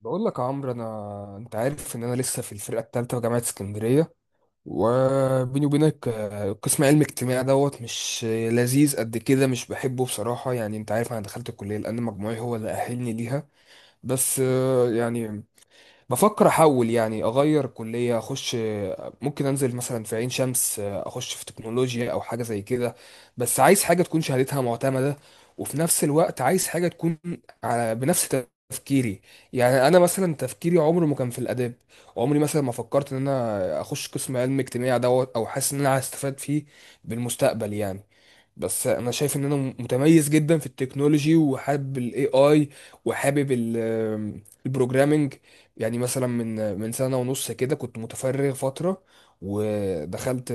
بقول لك يا عمرو، انت عارف ان انا لسه في الفرقه الثالثه في جامعه اسكندريه. وبيني وبينك قسم علم اجتماع دوت مش لذيذ قد كده، مش بحبه بصراحه. يعني انت عارف انا دخلت الكليه لان مجموعي هو اللي اهلني ليها. بس يعني بفكر احول، يعني اغير كليه اخش. ممكن انزل مثلا في عين شمس اخش في تكنولوجيا او حاجه زي كده. بس عايز حاجه تكون شهادتها معتمده، وفي نفس الوقت عايز حاجه تكون على بنفس تفكيري. يعني انا مثلا تفكيري عمره ما كان في الاداب. عمري مثلا ما فكرت ان انا اخش قسم علم اجتماع دوت، او حاسس ان انا هستفاد فيه بالمستقبل يعني. بس انا شايف ان انا متميز جدا في التكنولوجي، وحابب الاي اي، وحابب البروجرامينج. يعني مثلا من سنة ونص كده كنت متفرغ فترة، ودخلت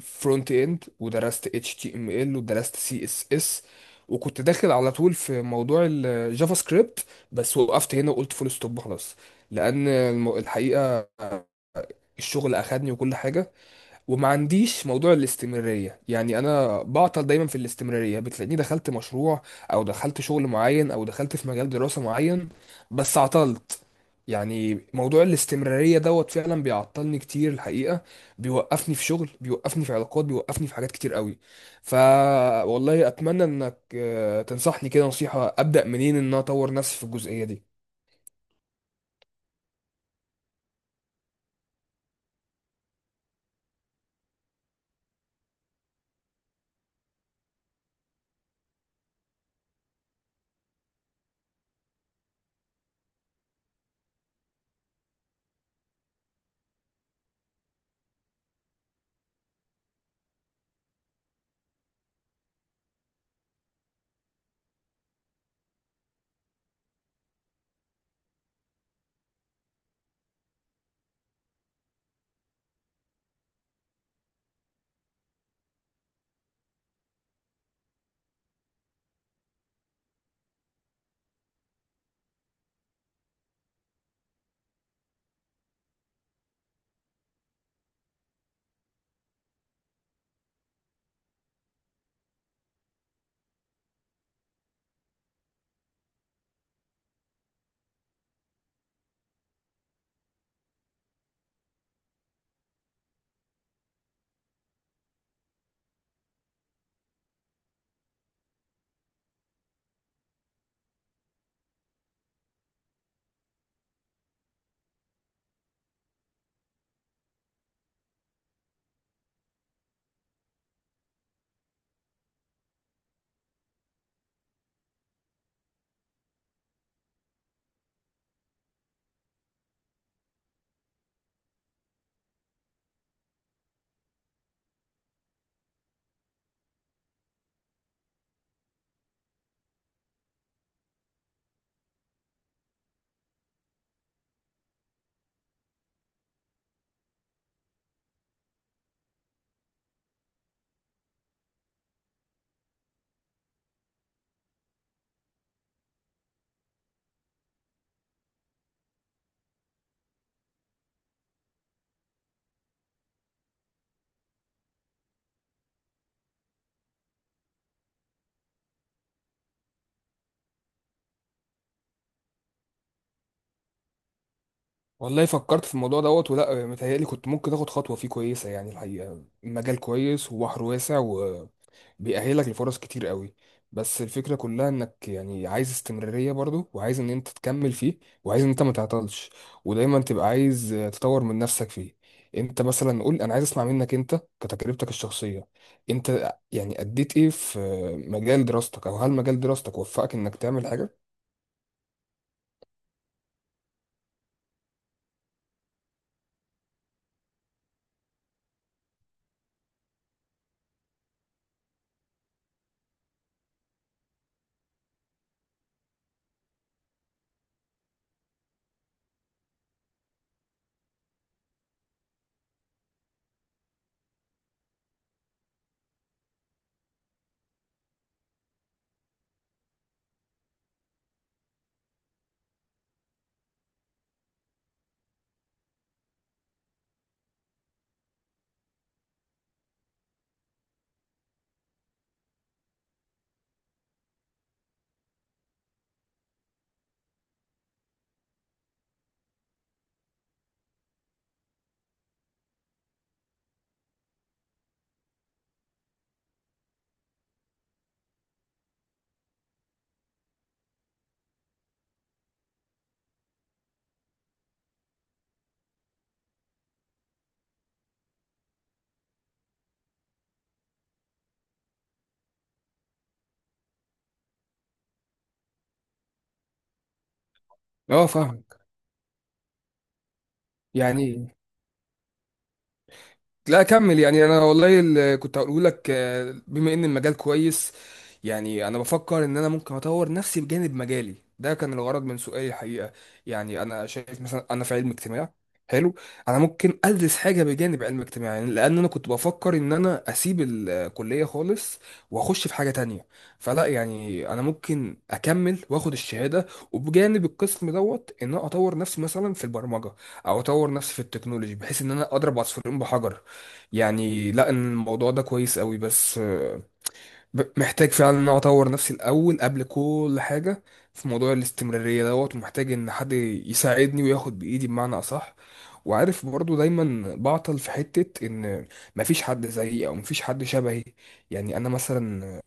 فرونت اند، ودرست اتش تي ام ال، ودرست سي اس اس، وكنت داخل على طول في موضوع الجافا سكريبت. بس وقفت هنا وقلت فول ستوب خلاص. لان الحقيقة الشغل اخدني وكل حاجة، وما عنديش موضوع الاستمرارية. يعني أنا بعطل دايما في الاستمرارية. بتلاقيني دخلت مشروع، أو دخلت شغل معين، أو دخلت في مجال دراسة معين، بس عطلت. يعني موضوع الاستمرارية دوت فعلا بيعطلني كتير الحقيقة. بيوقفني في شغل، بيوقفني في علاقات، بيوقفني في حاجات كتير قوي. ف، والله أتمنى إنك تنصحني كده نصيحة أبدأ منين إن أنا أطور نفسي في الجزئية دي. والله فكرت في الموضوع دوت، ولا متهيألي كنت ممكن تاخد خطوة فيه كويسة يعني. الحقيقة المجال كويس وبحر واسع، وبيأهلك لفرص كتير قوي. بس الفكرة كلها انك يعني عايز استمرارية برضو، وعايز ان انت تكمل فيه، وعايز ان انت ما تعطلش، ودايما تبقى عايز تطور من نفسك فيه. انت مثلا قول، انا عايز اسمع منك انت كتجربتك الشخصية. انت يعني اديت ايه في مجال دراستك، او هل مجال دراستك وفقك انك تعمل حاجة؟ اه، فاهمك. يعني لا اكمل يعني، انا والله اللي كنت هقوله لك بما ان المجال كويس، يعني انا بفكر ان انا ممكن اطور نفسي بجانب مجالي ده. كان الغرض من سؤالي الحقيقه. يعني انا شايف مثلا انا في علم اجتماع، حلو، انا ممكن ادرس حاجه بجانب علم اجتماع. يعني لان انا كنت بفكر ان انا اسيب الكليه خالص واخش في حاجه تانية. فلا، يعني انا ممكن اكمل واخد الشهاده، وبجانب القسم دوت ان انا اطور نفسي مثلا في البرمجه، او اطور نفسي في التكنولوجي بحيث ان انا اضرب عصفورين بحجر. يعني لا، إن الموضوع ده كويس قوي، بس محتاج فعلا ان انا اطور نفسي الاول قبل كل حاجه في موضوع الاستمراريه دوت، ومحتاج ان حد يساعدني وياخد بايدي بمعنى اصح. وعارف برضو دايما بعطل في حته ان مفيش حد زيي، او مفيش حد شبهي. يعني انا مثلا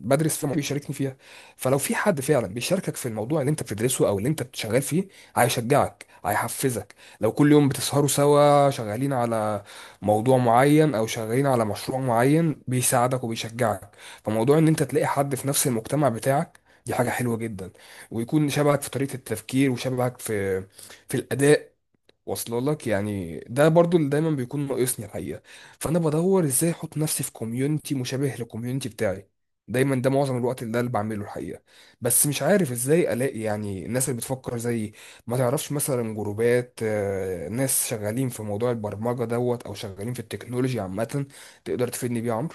بدرس فيها بيشاركني فيها. فلو في حد فعلا بيشاركك في الموضوع اللي انت بتدرسه او اللي انت شغال فيه، هيشجعك هيحفزك. لو كل يوم بتسهروا سوا شغالين على موضوع معين، او شغالين على مشروع معين، بيساعدك وبيشجعك. فموضوع ان انت تلاقي حد في نفس المجتمع بتاعك، دي حاجة حلوة جدا. ويكون شبهك في طريقة التفكير، وشبهك في الأداء، واصله لك يعني. ده برضو اللي دايما بيكون ناقصني الحقيقه. فانا بدور ازاي احط نفسي في كوميونتي مشابه للكوميونتي بتاعي دايما. ده معظم الوقت اللي بعمله الحقيقه. بس مش عارف ازاي الاقي يعني الناس اللي بتفكر زيي. ما تعرفش مثلا جروبات ناس شغالين في موضوع البرمجه دوت، او شغالين في التكنولوجيا عامه، تقدر تفيدني بيه يا عمرو؟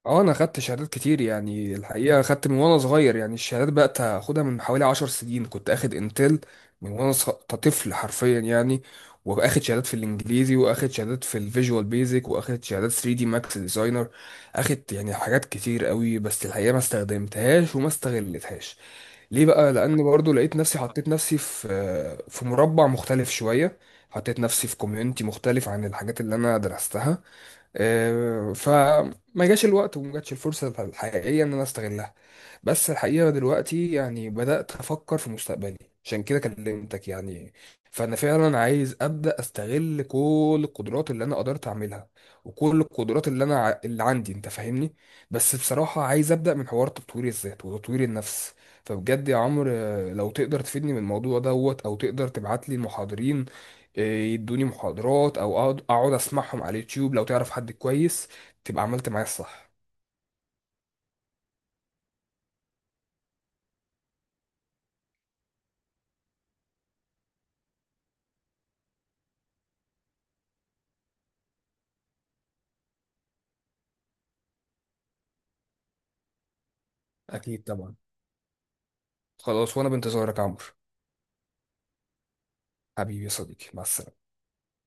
اه، انا خدت شهادات كتير يعني الحقيقه. خدت من وانا صغير يعني، الشهادات بقت اخدها من حوالي 10 سنين. كنت اخد انتل من وانا طفل حرفيا يعني. واخد شهادات في الانجليزي، واخد شهادات في الفيجوال بيزك، واخد شهادات 3 دي ماكس ديزاينر. اخد يعني حاجات كتير قوي، بس الحقيقه ما استخدمتهاش وما استغلتهاش. ليه بقى؟ لان برضو لقيت نفسي حطيت نفسي في مربع مختلف شويه. حطيت نفسي في كوميونتي مختلف عن الحاجات اللي انا درستها. فما جاش الوقت وما جاتش الفرصة الحقيقية إن أنا أستغلها. بس الحقيقة دلوقتي يعني بدأت أفكر في مستقبلي، عشان كده كلمتك يعني. فأنا فعلا عايز أبدأ أستغل كل القدرات اللي أنا قدرت أعملها، وكل القدرات اللي أنا اللي عندي، أنت فاهمني. بس بصراحة عايز أبدأ من حوار تطوير الذات وتطوير النفس. فبجد يا عمرو، لو تقدر تفيدني من الموضوع دوت، أو تقدر تبعت لي المحاضرين يدوني محاضرات، او اقعد اسمعهم على اليوتيوب، لو تعرف حد كويس تبقى عملت معايا الصح. اكيد طبعا. خلاص، وانا بانتظارك يا عمرو حبيبي يا صديقي. مع السلامه.